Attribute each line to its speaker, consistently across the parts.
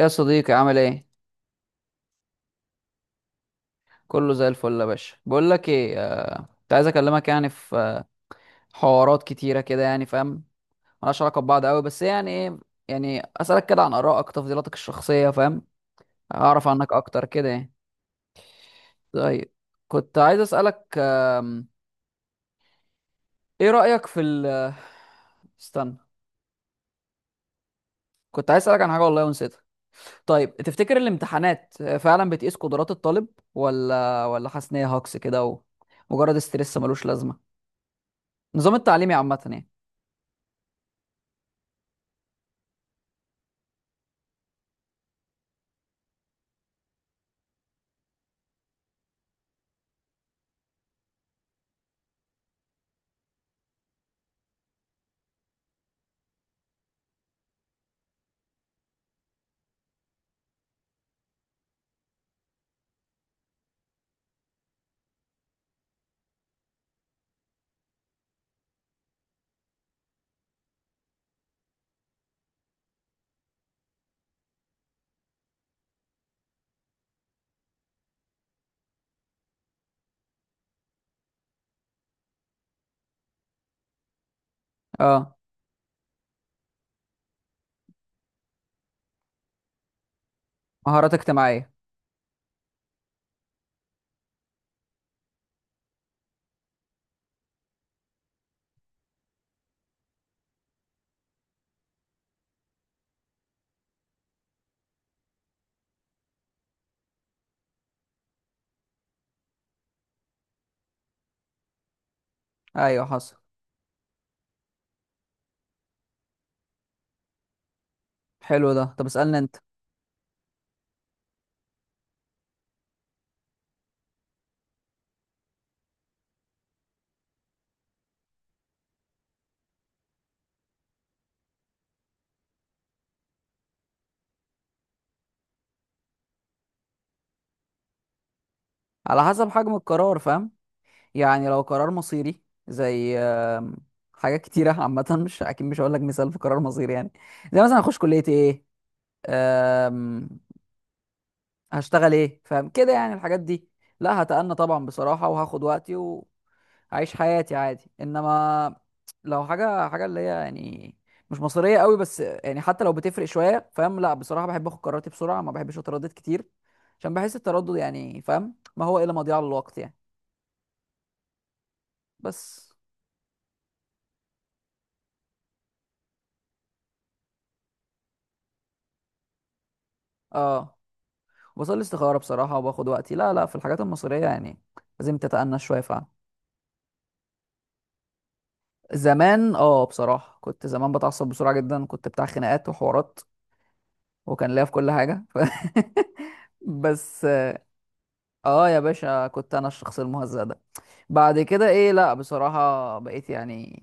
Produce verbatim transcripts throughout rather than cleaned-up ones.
Speaker 1: يا صديقي، عامل ايه؟ كله زي الفل يا باشا. بقول لك ايه، آه، كنت عايز اكلمك يعني في آه، حوارات كتيره كده، يعني فاهم؟ ملهاش علاقه ببعض قوي، بس يعني ايه، يعني اسالك كده عن ارائك، تفضيلاتك الشخصيه، فاهم؟ اعرف عنك اكتر كده يعني. طيب، كنت عايز اسالك آم، ايه رايك في ال آه، استنى، كنت عايز اسالك عن حاجه والله ونسيتها. طيب، تفتكر الامتحانات آه، فعلا بتقيس قدرات الطالب، ولا ولا حاسس ان هي هاكس كده، ومجرد استرس ملوش لازمه؟ نظام التعليمي عامه يعني. اه، مهارات اجتماعية. ايوه حصل. حلو ده. طب اسألني انت. على حسب حجم القرار، فاهم؟ يعني لو قرار مصيري، زي آم، حاجات كتيرة عامة، مش اكيد، مش هقول لك مثال في قرار مصيري يعني، زي مثلا هخش كلية ايه، آم، هشتغل ايه، فاهم كده يعني الحاجات دي؟ لا هتأنى طبعا بصراحة وهاخد وقتي، اعيش حياتي عادي. انما لو حاجه حاجه اللي هي يعني مش مصريه قوي، بس يعني حتى لو بتفرق شويه، فاهم؟ لا بصراحه بحب اخد قراراتي بسرعه، ما بحبش اتردد كتير، عشان بحس التردد يعني، فاهم، ما هو الا مضيعه للوقت يعني. بس اه، بصلي استخاره بصراحه وباخد وقتي، لا لا في الحاجات المصريه يعني لازم تتأنى شويه فعلا. زمان اه، بصراحه كنت زمان بتعصب بسرعه جدا، كنت بتاع خناقات وحوارات، وكان ليا في كل حاجه ف... بس اه يا باشا، كنت انا الشخص المهزأ ده. بعد كده ايه، لا بصراحة بقيت يعني،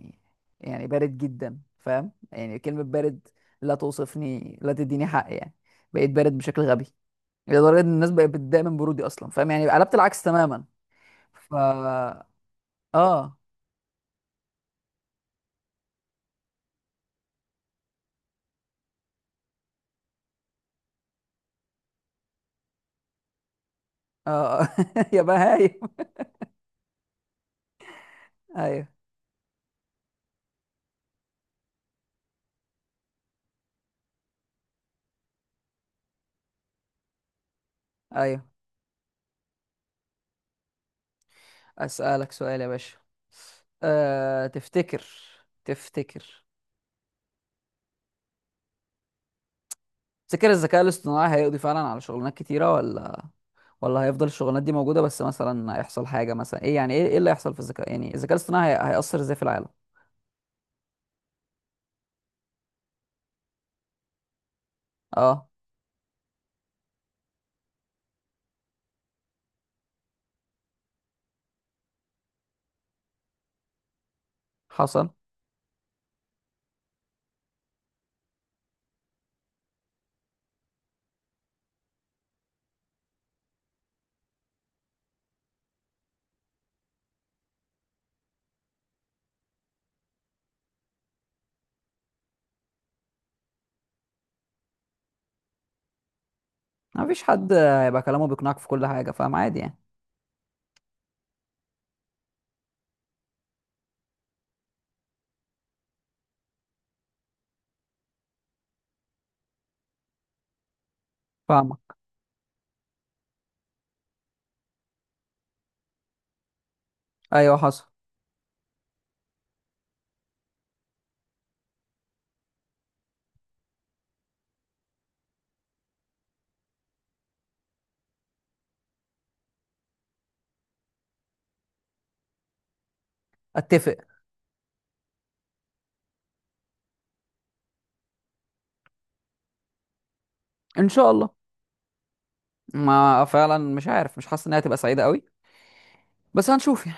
Speaker 1: يعني بارد جدا، فاهم يعني كلمة بارد؟ لا توصفني، لا تديني حق يعني. بقيت بارد بشكل غبي، لدرجة ان الناس بقت بتضايق من برودي اصلا، فاهم؟ يعني قلبت العكس تماما. ف اه اه آه. يا بهايم. ايوه، ايوه. اسألك سؤال يا باشا. أه... تفتكر تفتكر تفتكر الذكاء الاصطناعي هيقضي فعلا على شغلانات كتيرة، ولا ولا هيفضل الشغلانات دي موجودة، بس مثلا هيحصل حاجة مثلا ايه، يعني ايه، إيه اللي هيحصل في الذكاء، يعني الذكاء الاصطناعي هي- هيأثر ازاي في العالم؟ اه حصل. ما فيش حد هيبقى كلامه بيقنعك في كل حاجة، فاهم، عادي يعني. فاهمة. ايوه حصل. اتفق. ان شاء الله. ما فعلا، مش عارف، مش حاسس انها هتبقى سعيدة قوي، بس هنشوف يعني.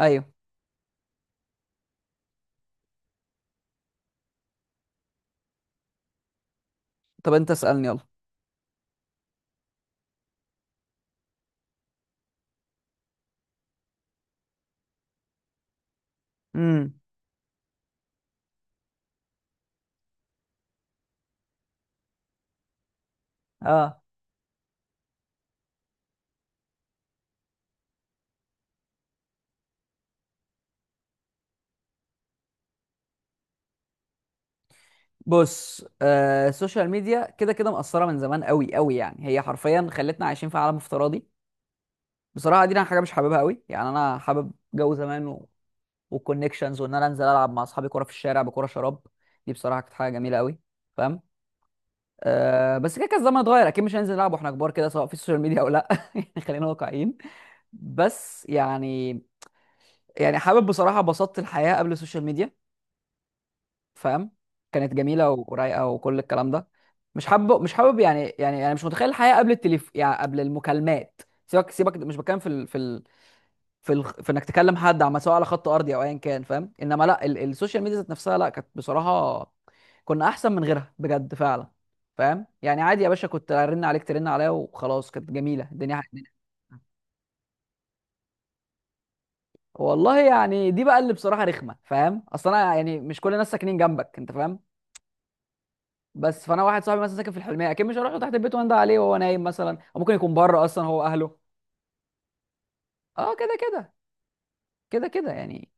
Speaker 1: ايوه. طب انت اسألني يلا. امم اه بص، آه السوشيال ميديا كده كده مأثرة من زمان قوي قوي، يعني هي حرفيا خلتنا عايشين في عالم افتراضي. بصراحة دي أنا حاجة مش حاببها قوي يعني. انا حابب جو زمان والكونكشنز، وان انا انزل العب مع اصحابي كوره في الشارع بكوره شراب، دي بصراحه كانت حاجه جميله قوي، فاهم؟ آه بس كده كده الزمن اتغير، اكيد مش هننزل نلعب واحنا كبار كده، سواء في السوشيال ميديا او لا يعني خلينا واقعيين. بس يعني يعني حابب بصراحه بسطت الحياه قبل السوشيال ميديا، فاهم؟ كانت جميله ورايقه وكل الكلام ده. مش حابب مش حابب يعني، يعني انا مش متخيل الحياه قبل التليف، يعني قبل المكالمات. سيبك سيبك، مش بتكلم في ال... في ال... في الخ... في انك تكلم حد عم، سواء على خط ارضي او ايا كان، فاهم؟ انما لا ال... السوشيال ميديا ذات نفسها لا، كانت بصراحه كنا احسن من غيرها بجد فعلا، فاهم؟ يعني عادي يا باشا، كنت ارن عليك ترن عليا وخلاص، كانت جميله الدنيا. الدنيا- والله يعني دي بقى اللي بصراحه رخمه، فاهم؟ اصل انا يعني مش كل الناس ساكنين جنبك انت، فاهم؟ بس فانا واحد صاحبي مثلا ساكن في الحلميه، اكيد مش هروح له تحت البيت وانده عليه وهو نايم مثلا، او ممكن يكون بره اصلا هو اهله. اه كده كده كده كده يعني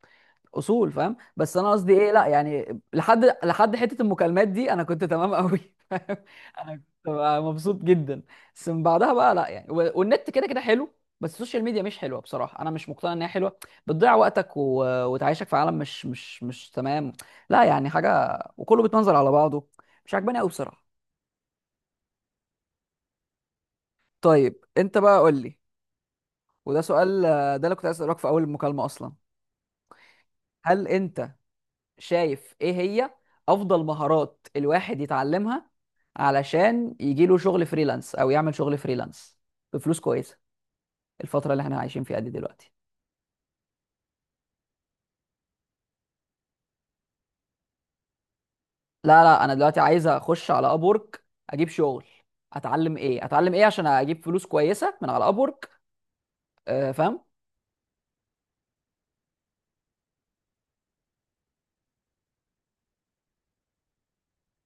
Speaker 1: اصول، فاهم؟ بس انا قصدي ايه، لا يعني لحد لحد حته المكالمات دي انا كنت تمام قوي، فاهم؟ انا كنت بقى مبسوط جدا. بس من بعدها بقى لا يعني، و- والنت كده كده حلو، بس السوشيال ميديا مش حلوه بصراحه، انا مش مقتنع انها حلوه. بتضيع وقتك و... وتعيشك في عالم مش مش مش تمام، لا يعني حاجه، وكله بيتمنظر على بعضه. مش عاجباني قوي بصراحه. طيب انت بقى قول لي، وده سؤال آه، ده اللي كنت عايز اسالك في اول المكالمه اصلا. هل انت شايف ايه هي افضل مهارات الواحد يتعلمها علشان يجي له شغل فريلانس او يعمل شغل فريلانس بفلوس كويسه، الفتره اللي احنا عايشين فيها دي دلوقتي؟ لا لا، انا دلوقتي عايز اخش على ابورك، اجيب شغل. اتعلم ايه، اتعلم ايه عشان اجيب فلوس كويسه من على ابورك؟ أه، فاهم.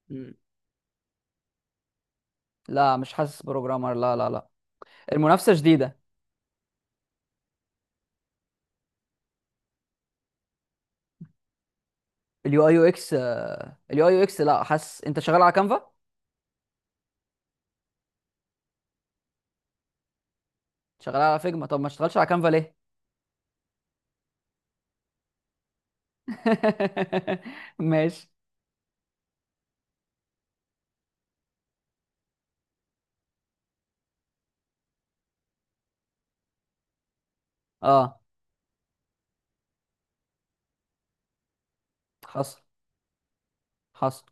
Speaker 1: مم. لا مش حاسس بروجرامر، لا لا لا. المنافسه شديده. اليو اي يو اكس. اليو اي يو اكس، لا حاسس انت شغال على كانفا. شغال على فيجما؟ طب ما اشتغلش على كانفا ليه؟ ماشي. اه حصل. حصل.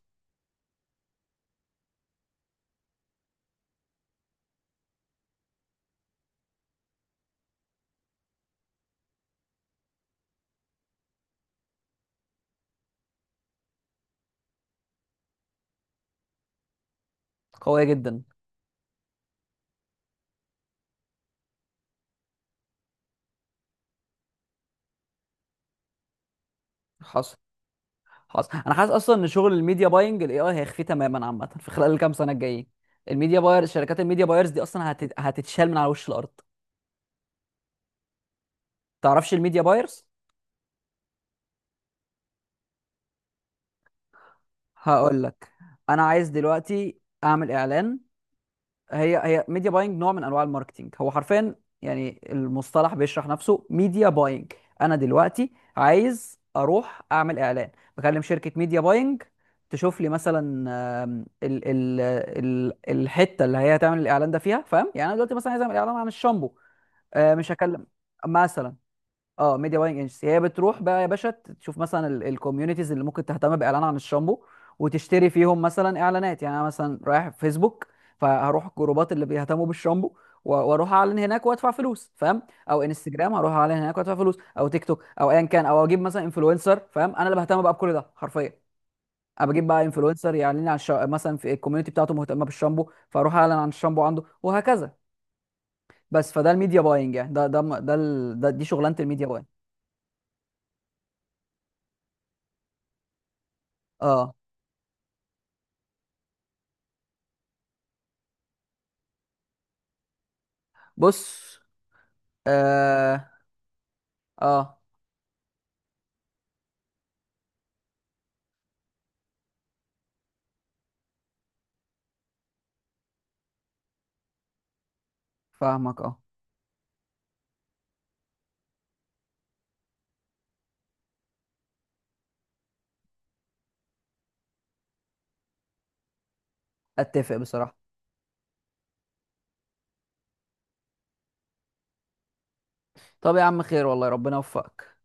Speaker 1: قويه جدا. حصل. خلاص، انا حاسس اصلا ان شغل الميديا باينج الاي اي هيخفي تماما عامه في خلال الكام سنه الجايين. الميديا باير، شركات الميديا بايرز دي اصلا هت... هتتشال من على وش الارض. تعرفش الميديا بايرز؟ هقول لك. انا عايز دلوقتي اعمل اعلان. هي هي ميديا باينج نوع من انواع الماركتينج، هو حرفيا يعني المصطلح بيشرح نفسه، ميديا باينج. انا دلوقتي عايز اروح اعمل اعلان، بكلم شركه ميديا باينج، تشوف لي مثلا آم، ال ال ال الحته اللي هي هتعمل الاعلان ده فيها، فاهم؟ يعني انا دلوقتي مثلا عايز اعمل اعلان عن الشامبو، آه، مش هكلم مثلا. اه، ميديا باينج ايجنسي هي بتروح بقى يا باشا تشوف مثلا الكوميونيتيز اللي ممكن تهتم باعلان عن الشامبو، وتشتري فيهم مثلا اعلانات. يعني انا مثلا رايح في فيسبوك، فهروح الجروبات اللي بيهتموا بالشامبو، و- واروح اعلن هناك وادفع فلوس، فاهم؟ او انستجرام هروح اعلن هناك وادفع فلوس، او تيك توك او ايا كان، او اجيب مثلا انفلونسر، فاهم؟ انا اللي بهتم بقى بكل ده حرفيا. انا بجيب بقى انفلونسر يعلن لي عن الشا... مثلا في الكوميونتي بتاعته مهتمه بالشامبو، فاروح اعلن عن الشامبو عنده وهكذا. بس فده الميديا باينج يعني، ده ده ده, ده, ده دي شغلانه الميديا باينج. اه بص، اه اه فاهمك، اه. اتفق بصراحة. طب يا عم، خير والله، ربنا يوفقك.